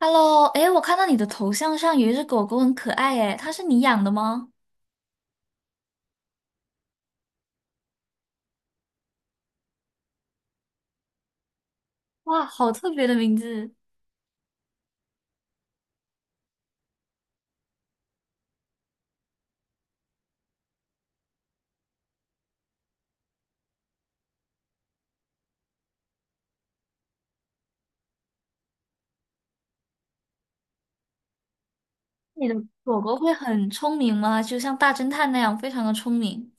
Hello，哎，我看到你的头像上有一只狗狗，很可爱哎，它是你养的吗？哇，好特别的名字！你的狗狗会很聪明吗？就像大侦探那样，非常的聪明，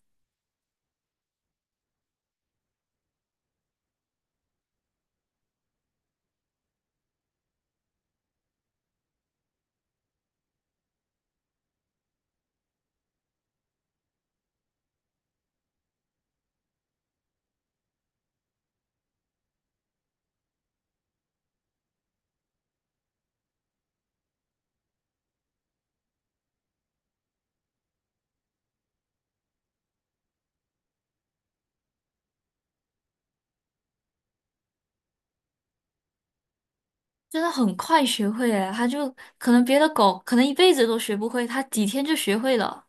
真的很快学会哎，它就可能别的狗可能一辈子都学不会，它几天就学会了。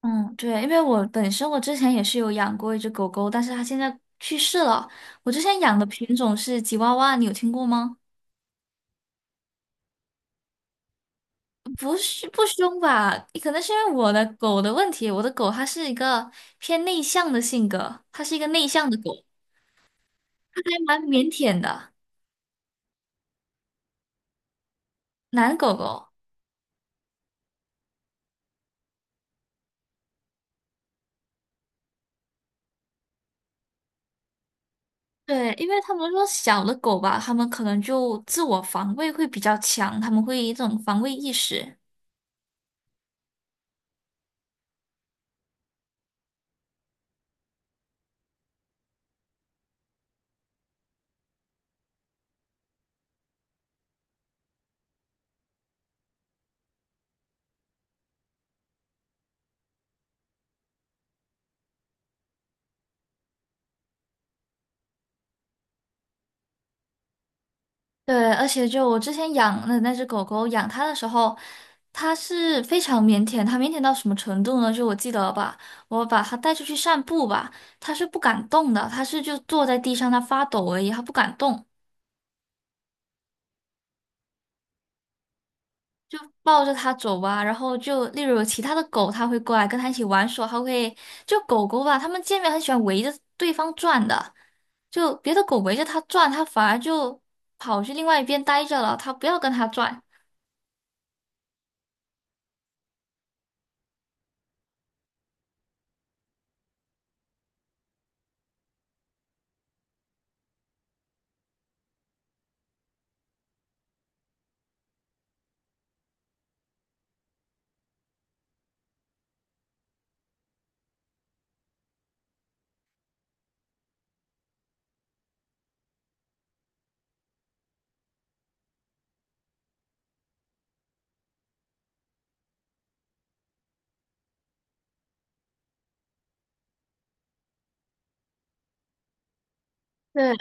嗯，对，因为我本身我之前也是有养过一只狗狗，但是它现在去世了。我之前养的品种是吉娃娃，你有听过吗？不是不凶吧？可能是因为我的狗的问题，我的狗它是一个偏内向的性格，它是一个内向的狗，它还蛮腼腆的，男狗狗。对，因为他们说小的狗吧，他们可能就自我防卫会比较强，他们会有一种防卫意识。对，而且就我之前养的那只狗狗，养它的时候，它是非常腼腆，它腼腆到什么程度呢？就我记得吧，我把它带出去散步吧，它是不敢动的，它是就坐在地上，它发抖而已，它不敢动，就抱着它走吧。然后就例如有其他的狗，它会过来跟它一起玩耍，它会就狗狗吧，它们见面很喜欢围着对方转的，就别的狗围着它转，它反而就跑去另外一边待着了，它不要跟它转。对，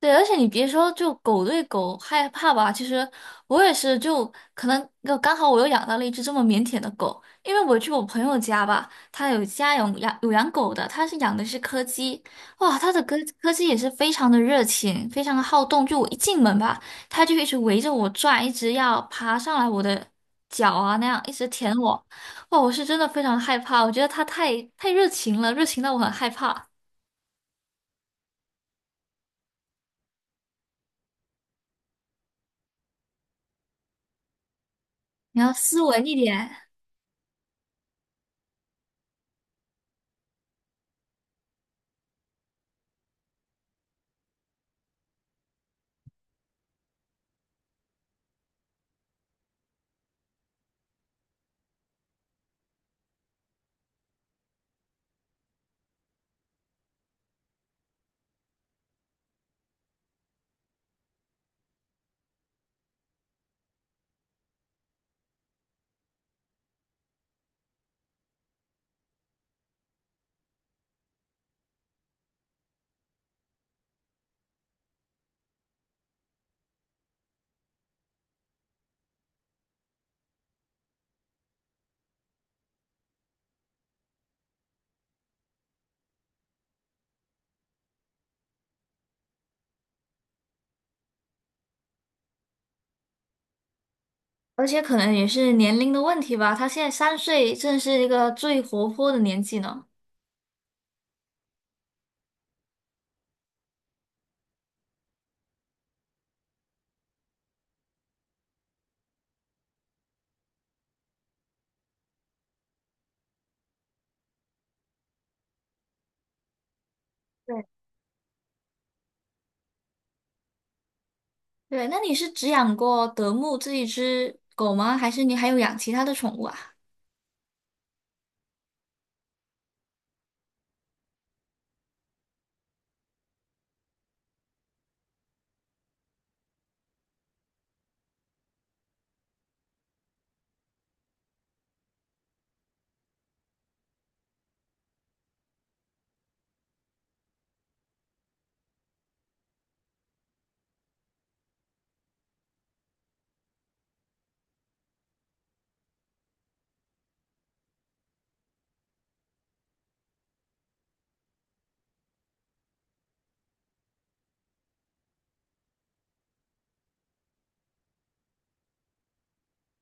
对，而且你别说，就狗对狗害怕吧，其实我也是就，可能就刚好我又养到了一只这么腼腆的狗，因为我去我朋友家吧，他有家有养狗的，他是养的是柯基，哇，他的柯基也是非常的热情，非常的好动，就我一进门吧，它就一直围着我转，一直要爬上来我的脚啊那样，一直舔我，哇，我是真的非常害怕，我觉得它太热情了，热情到我很害怕，你要斯文一点。而且可能也是年龄的问题吧，他现在3岁，正是一个最活泼的年纪呢。对，对，那你是只养过德牧这一只狗吗？还是你还有养其他的宠物啊？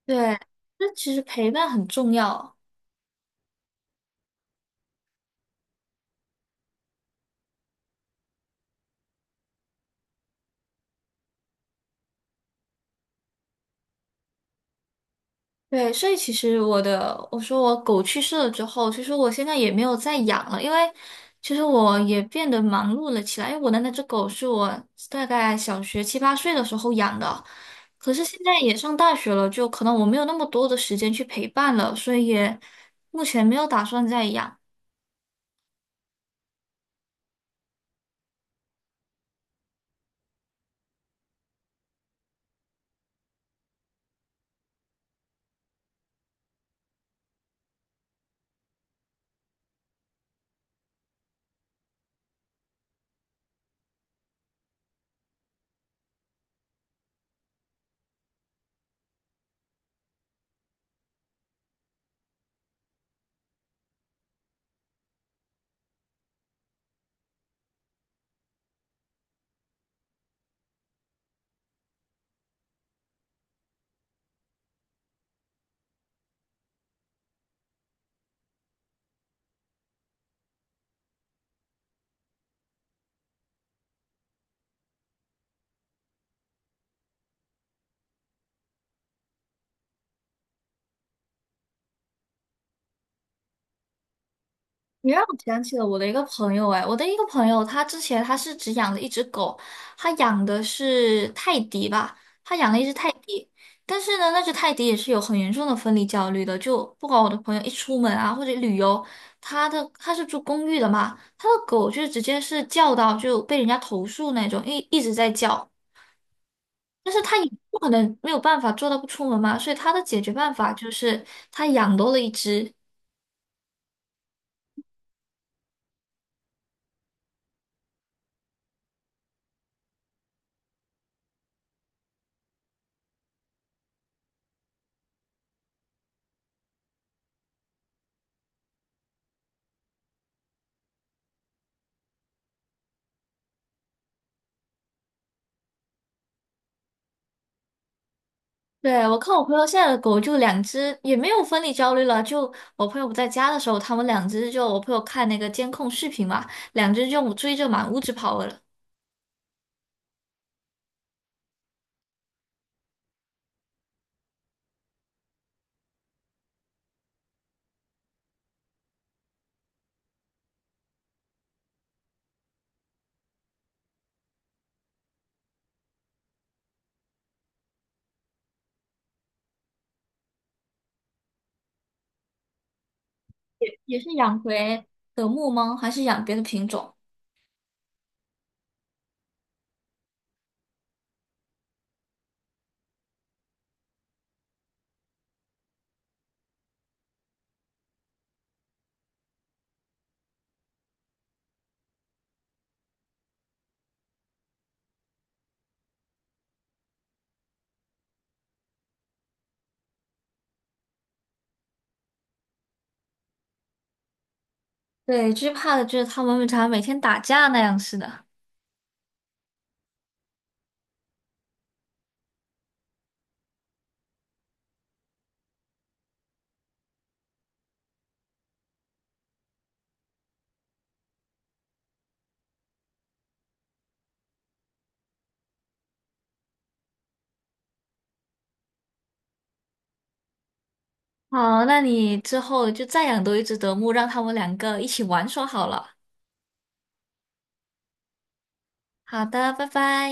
对，那其实陪伴很重要。对，所以其实我的，我说我狗去世了之后，其实我现在也没有再养了，因为其实我也变得忙碌了起来。因为我的那只狗是我大概小学7、8岁的时候养的，可是现在也上大学了，就可能我没有那么多的时间去陪伴了，所以也目前没有打算再养。你让我想起了我的一个朋友，哎，我的一个朋友，他之前他是只养了一只狗，他养的是泰迪吧，他养了一只泰迪，但是呢，那只泰迪也是有很严重的分离焦虑的，就不管我的朋友一出门啊或者旅游，他的他是住公寓的嘛，他的狗就直接是叫到就被人家投诉那种，一直在叫。但是他也不可能没有办法做到不出门嘛，所以他的解决办法就是他养多了一只。对，我看我朋友现在的狗就两只，也没有分离焦虑了。就我朋友不在家的时候，他们两只就我朋友看那个监控视频嘛，两只就追着满屋子跑了，也是养回德牧吗？还是养别的品种？对，最怕的就是他们常每天打架那样似的。好，那你之后就再养多一只德牧，让他们两个一起玩耍好了。好的，拜拜。